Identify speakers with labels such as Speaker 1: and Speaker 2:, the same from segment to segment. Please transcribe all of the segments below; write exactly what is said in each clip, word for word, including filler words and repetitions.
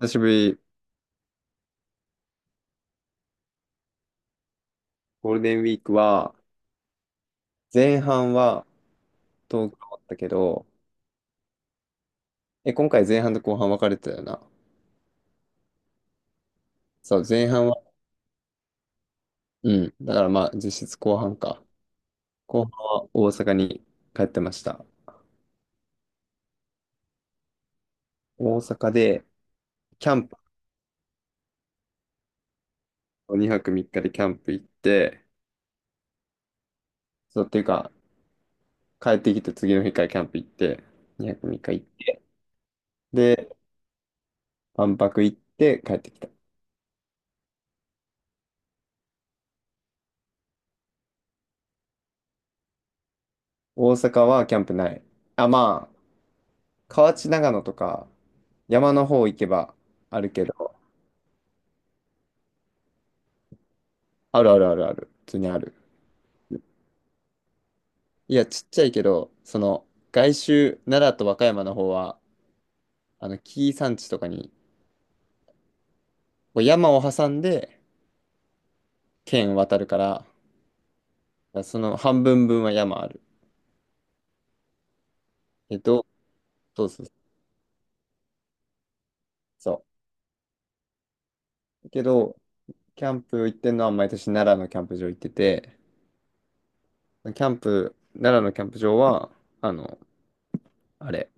Speaker 1: 久しぶり。ゴールデンウィークは、前半は東京だったけど、え、今回前半と後半分かれてたよな。そう、前半は、うん、だからまあ実質後半か。後半は大阪に帰ってました。大阪で、キャンプ、にはくみっかでキャンプ行って、そう、っていうか、帰ってきて次の日からキャンプ行って、にはくみっか行って、で、万博行って帰ってきた。大阪はキャンプない。あ、まあ、河内長野とか、山の方行けばあるけど、あるあるあるある。普通にある。いや、ちっちゃいけど、その、外周、奈良と和歌山の方は、あの、紀伊山地とかに、こう山を挟んで、県渡るから、その半分分は山ある。えっと、そうそうそう。けど、キャンプ行ってんのは毎年奈良のキャンプ場行ってて、キャンプ、奈良のキャンプ場は、あの、あれ、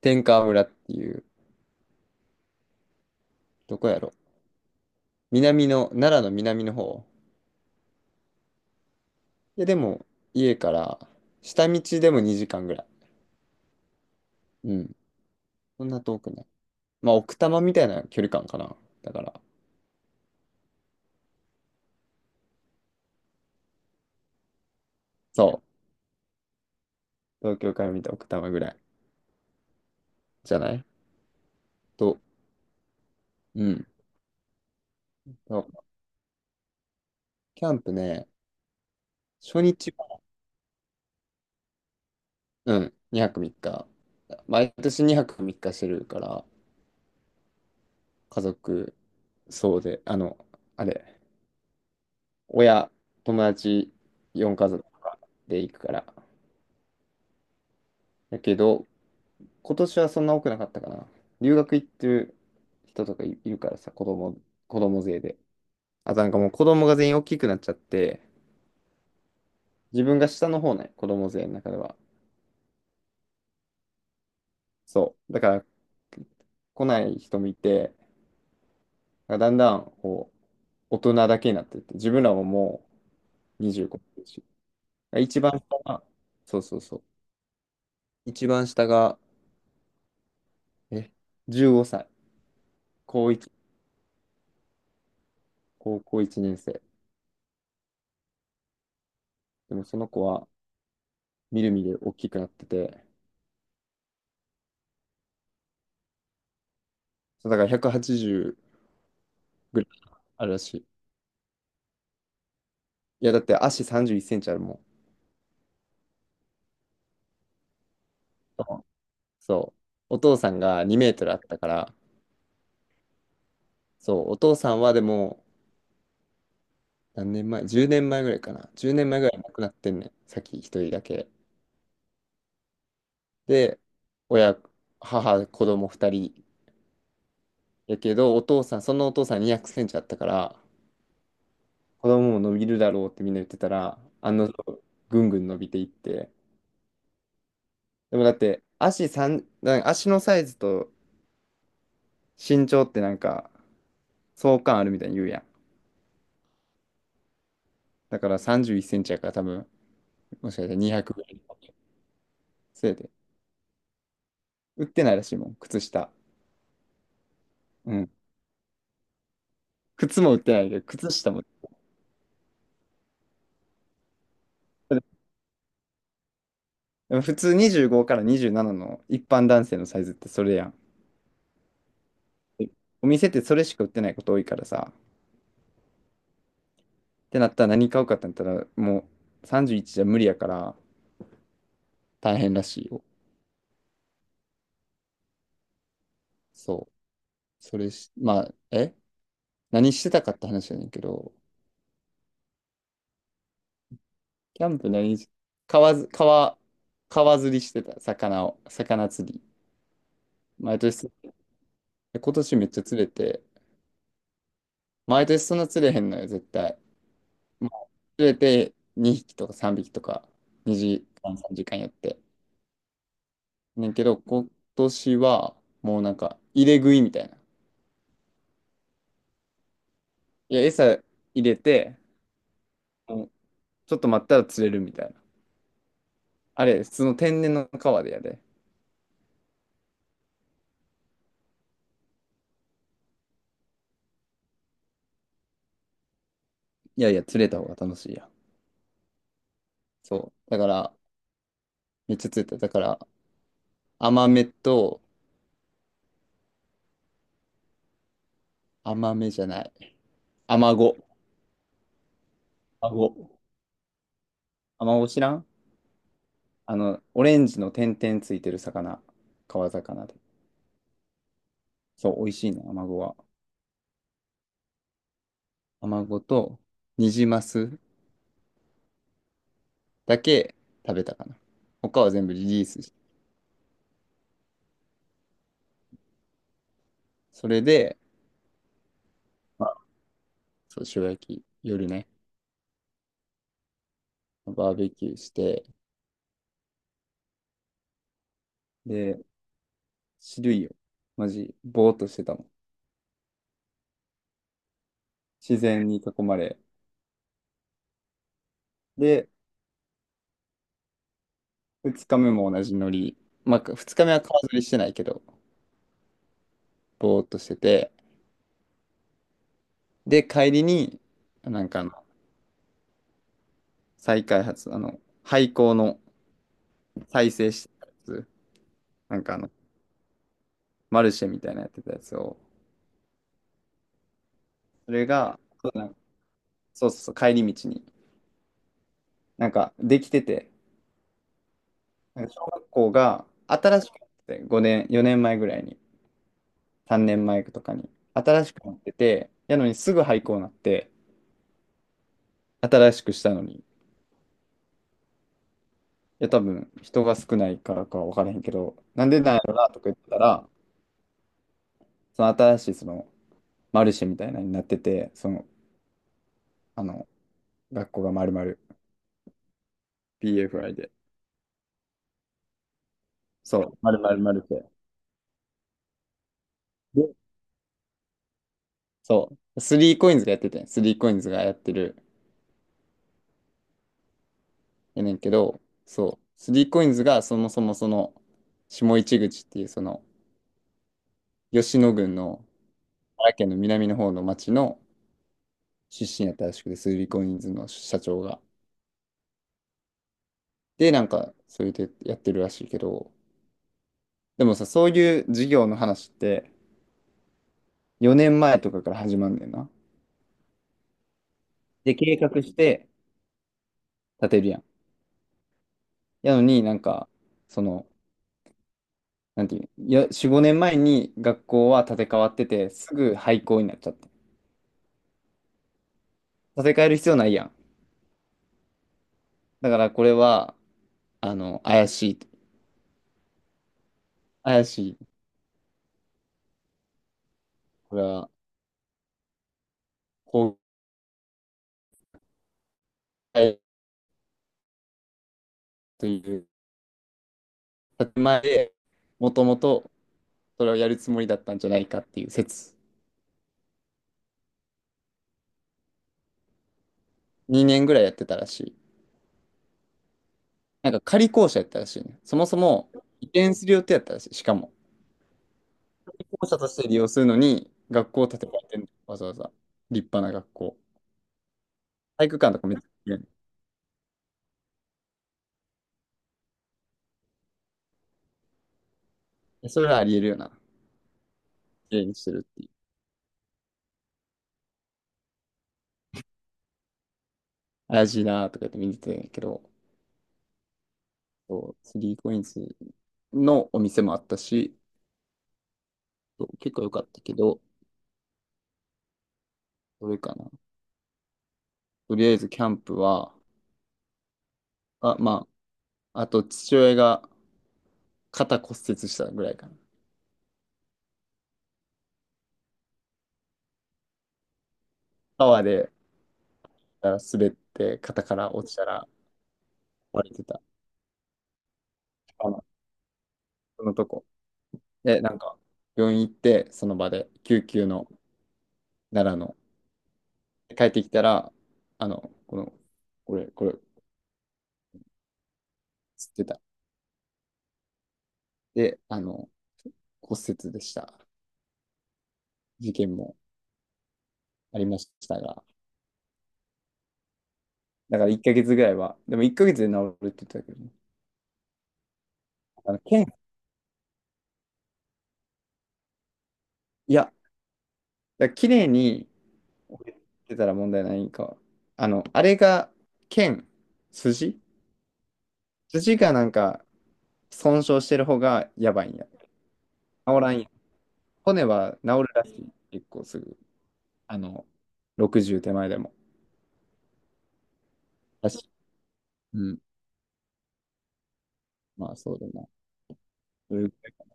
Speaker 1: 天川村っていう、どこやろ。南の、奈良の南の方。いや、でも、家から、下道でもにじかんぐらい。うん、そんな遠くない。まあ、奥多摩みたいな距離感かな。だから、そう。東京から見た奥多摩ぐらいじゃないと、うん。そう、キャンプね、初日は、うん、にはくみっか。毎年にはくみっかしてるから、家族、そうで、あの、あれ、親、友達、よんかぞく家族とかで行くから。だけど、今年はそんな多くなかったかな。留学行ってる人とかいいるからさ、子供、子供勢で。あとなんかもう子供が全員大きくなっちゃって、自分が下の方ね、子供勢の中では。そう。だから、来ない人もいて、だんだんこう大人だけになってって、自分らももうにじゅうごさいだし、一番下が、そうそうそう、一番下が、え、じゅうごさい、高一高校いちねん生。でもその子はみるみる大きくなってて、そうだからひゃくはちじゅうぐらいあるらしい。いや、だって足さんじゅういっセンチあるもん。そう。お父さんがにメートルあったから、そう、お父さんはでも、何年前？ じゅう 年前ぐらいかな。じゅうねんまえぐらい亡くなってんねん。先一人だけ。で、親、母、子供ふたり。やけど、お父さん、そのお父さんにひゃくセンチあったから、子供も伸びるだろうってみんな言ってたら、あの定、ぐんぐん伸びていって。でもだって、足三なんか足のサイズと身長ってなんか、相関あるみたいに言うやん。だからさんじゅういっセンチやから多分、もしかしたらにひゃくぐらい。せやで売ってないらしいもん、靴下。うん。靴も売ってないけど、靴下も。でも普通にじゅうごからにじゅうななの一般男性のサイズってそれやん。で、お店ってそれしか売ってないこと多いからさ。ってなったら何買うかってなったら、もうさんじゅういちじゅういちじゃ無理やから大変らしいよ。そう。それし、まあ、え何してたかって話やねんけど、キャンプ何し、川ず、川、川釣りしてた、魚を、魚釣り。毎年、今年めっちゃ釣れて、毎年そんな釣れへんのよ、絶対。まあ、連れてにひきとかさんびきとかにじかんさんじかんやって。ねんけど、今年はもうなんか入れ食いみたいな。いや、餌入れて、もうちょっと待ったら釣れるみたいな。あれ、普通の天然の川でやで。いやいや、釣れた方が楽しいやん。そう。だから、めっちゃ釣れた。だから、甘めと、甘めじゃない。アマゴ。アマゴ。アマゴ知らん？あの、オレンジの点々ついてる魚。川魚で。そう、美味しいね、アマゴは。卵とニジマスだけ食べたかな。他は全部リリースして。それで、まあ、そう、塩焼き、夜ね、バーベキューして、で、知るいよ。マジ、ぼーっとしてたもん。自然に囲まれ。で、二日目も同じノリ。まあ、二日目は川釣りしてないけど、ぼーっとしてて。で、帰りに、なんかあの、再開発、あの、廃校の再生したやつ、なんかあの、マルシェみたいなやってたやつを、それが、そうそうそう、帰り道に。なんか、できてて、なんか小学校が新しくなってて、ごねん、よねんまえぐらいに、さんねんまえとかに、新しくなってて、やのにすぐ廃校になって、新しくしたのに、いや、多分、人が少ないからか分からへんけど、なんでなんやろなとか言ってたら、その新しい、そのマルシェみたいなのになってて、その、あの、学校が丸々 ピーエフアイ で、そう、丸々マルシェ。で、そう、スリーコインズがやってて、スリーコインズがやってるやねんけど、そう、スリーコインズがそもそもその、下市口っていうその、吉野郡の、奈良県の南の方の町の出身やったらしくて、スリーコインズの社長が。で、なんか、それでやってるらしいけど、でもさ、そういう事業の話って、よねんまえとかから始まるんだよな。で、計画して建てるやん。やのになんか、その、なんていう、いや、よん、ごねんまえに学校は建て替わってて、すぐ廃校になっちゃって。建て替える必要ないやん。だからこれは、あの、怪しいと、怪しい、これは、崩壊という建前で、もともとそれをやるつもりだったんじゃないかっていう説、にねんぐらいやってたらしい。なんか仮校舎やったらしいね。そもそも移転する予定やったらしい。しかも、仮校舎として利用するのに、学校を建て替えてんのわざわざ。立派な学校。体育館とかめっちゃ綺麗ね、それはありえるよな。綺麗にしてるっていう。怪しいなーとか言って見てたんやけど、そう、スリーコインズのお店もあったし、そう結構良かったけど、どれかな。とりあえずキャンプは、あ、まあ、あと父親が肩骨折したぐらいかな。川であ滑って肩から落ちたら割れてた。あの、そのとこ。で、なんか病院行ってその場で救急の奈良の帰ってきたら、あの、この、これ、これ、つってた。で、あの、骨折でした。事件もありましたが。だからいっかげつぐらいは、でもいっかげつで治るって言ってたけどね。あの、剣、いや、だから綺麗に置いてたら問題ないか。あの、あれが剣、筋筋がなんか損傷してる方がやばいんや。治らんや。骨は治るらしい。結構すぐ。あの、ろくじゅう手前でも。らしい。うん。まあそうだな。それぐらい。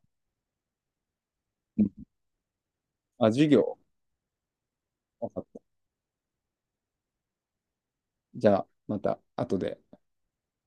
Speaker 1: うん。あ、授業。わかった。じゃあ、また後で。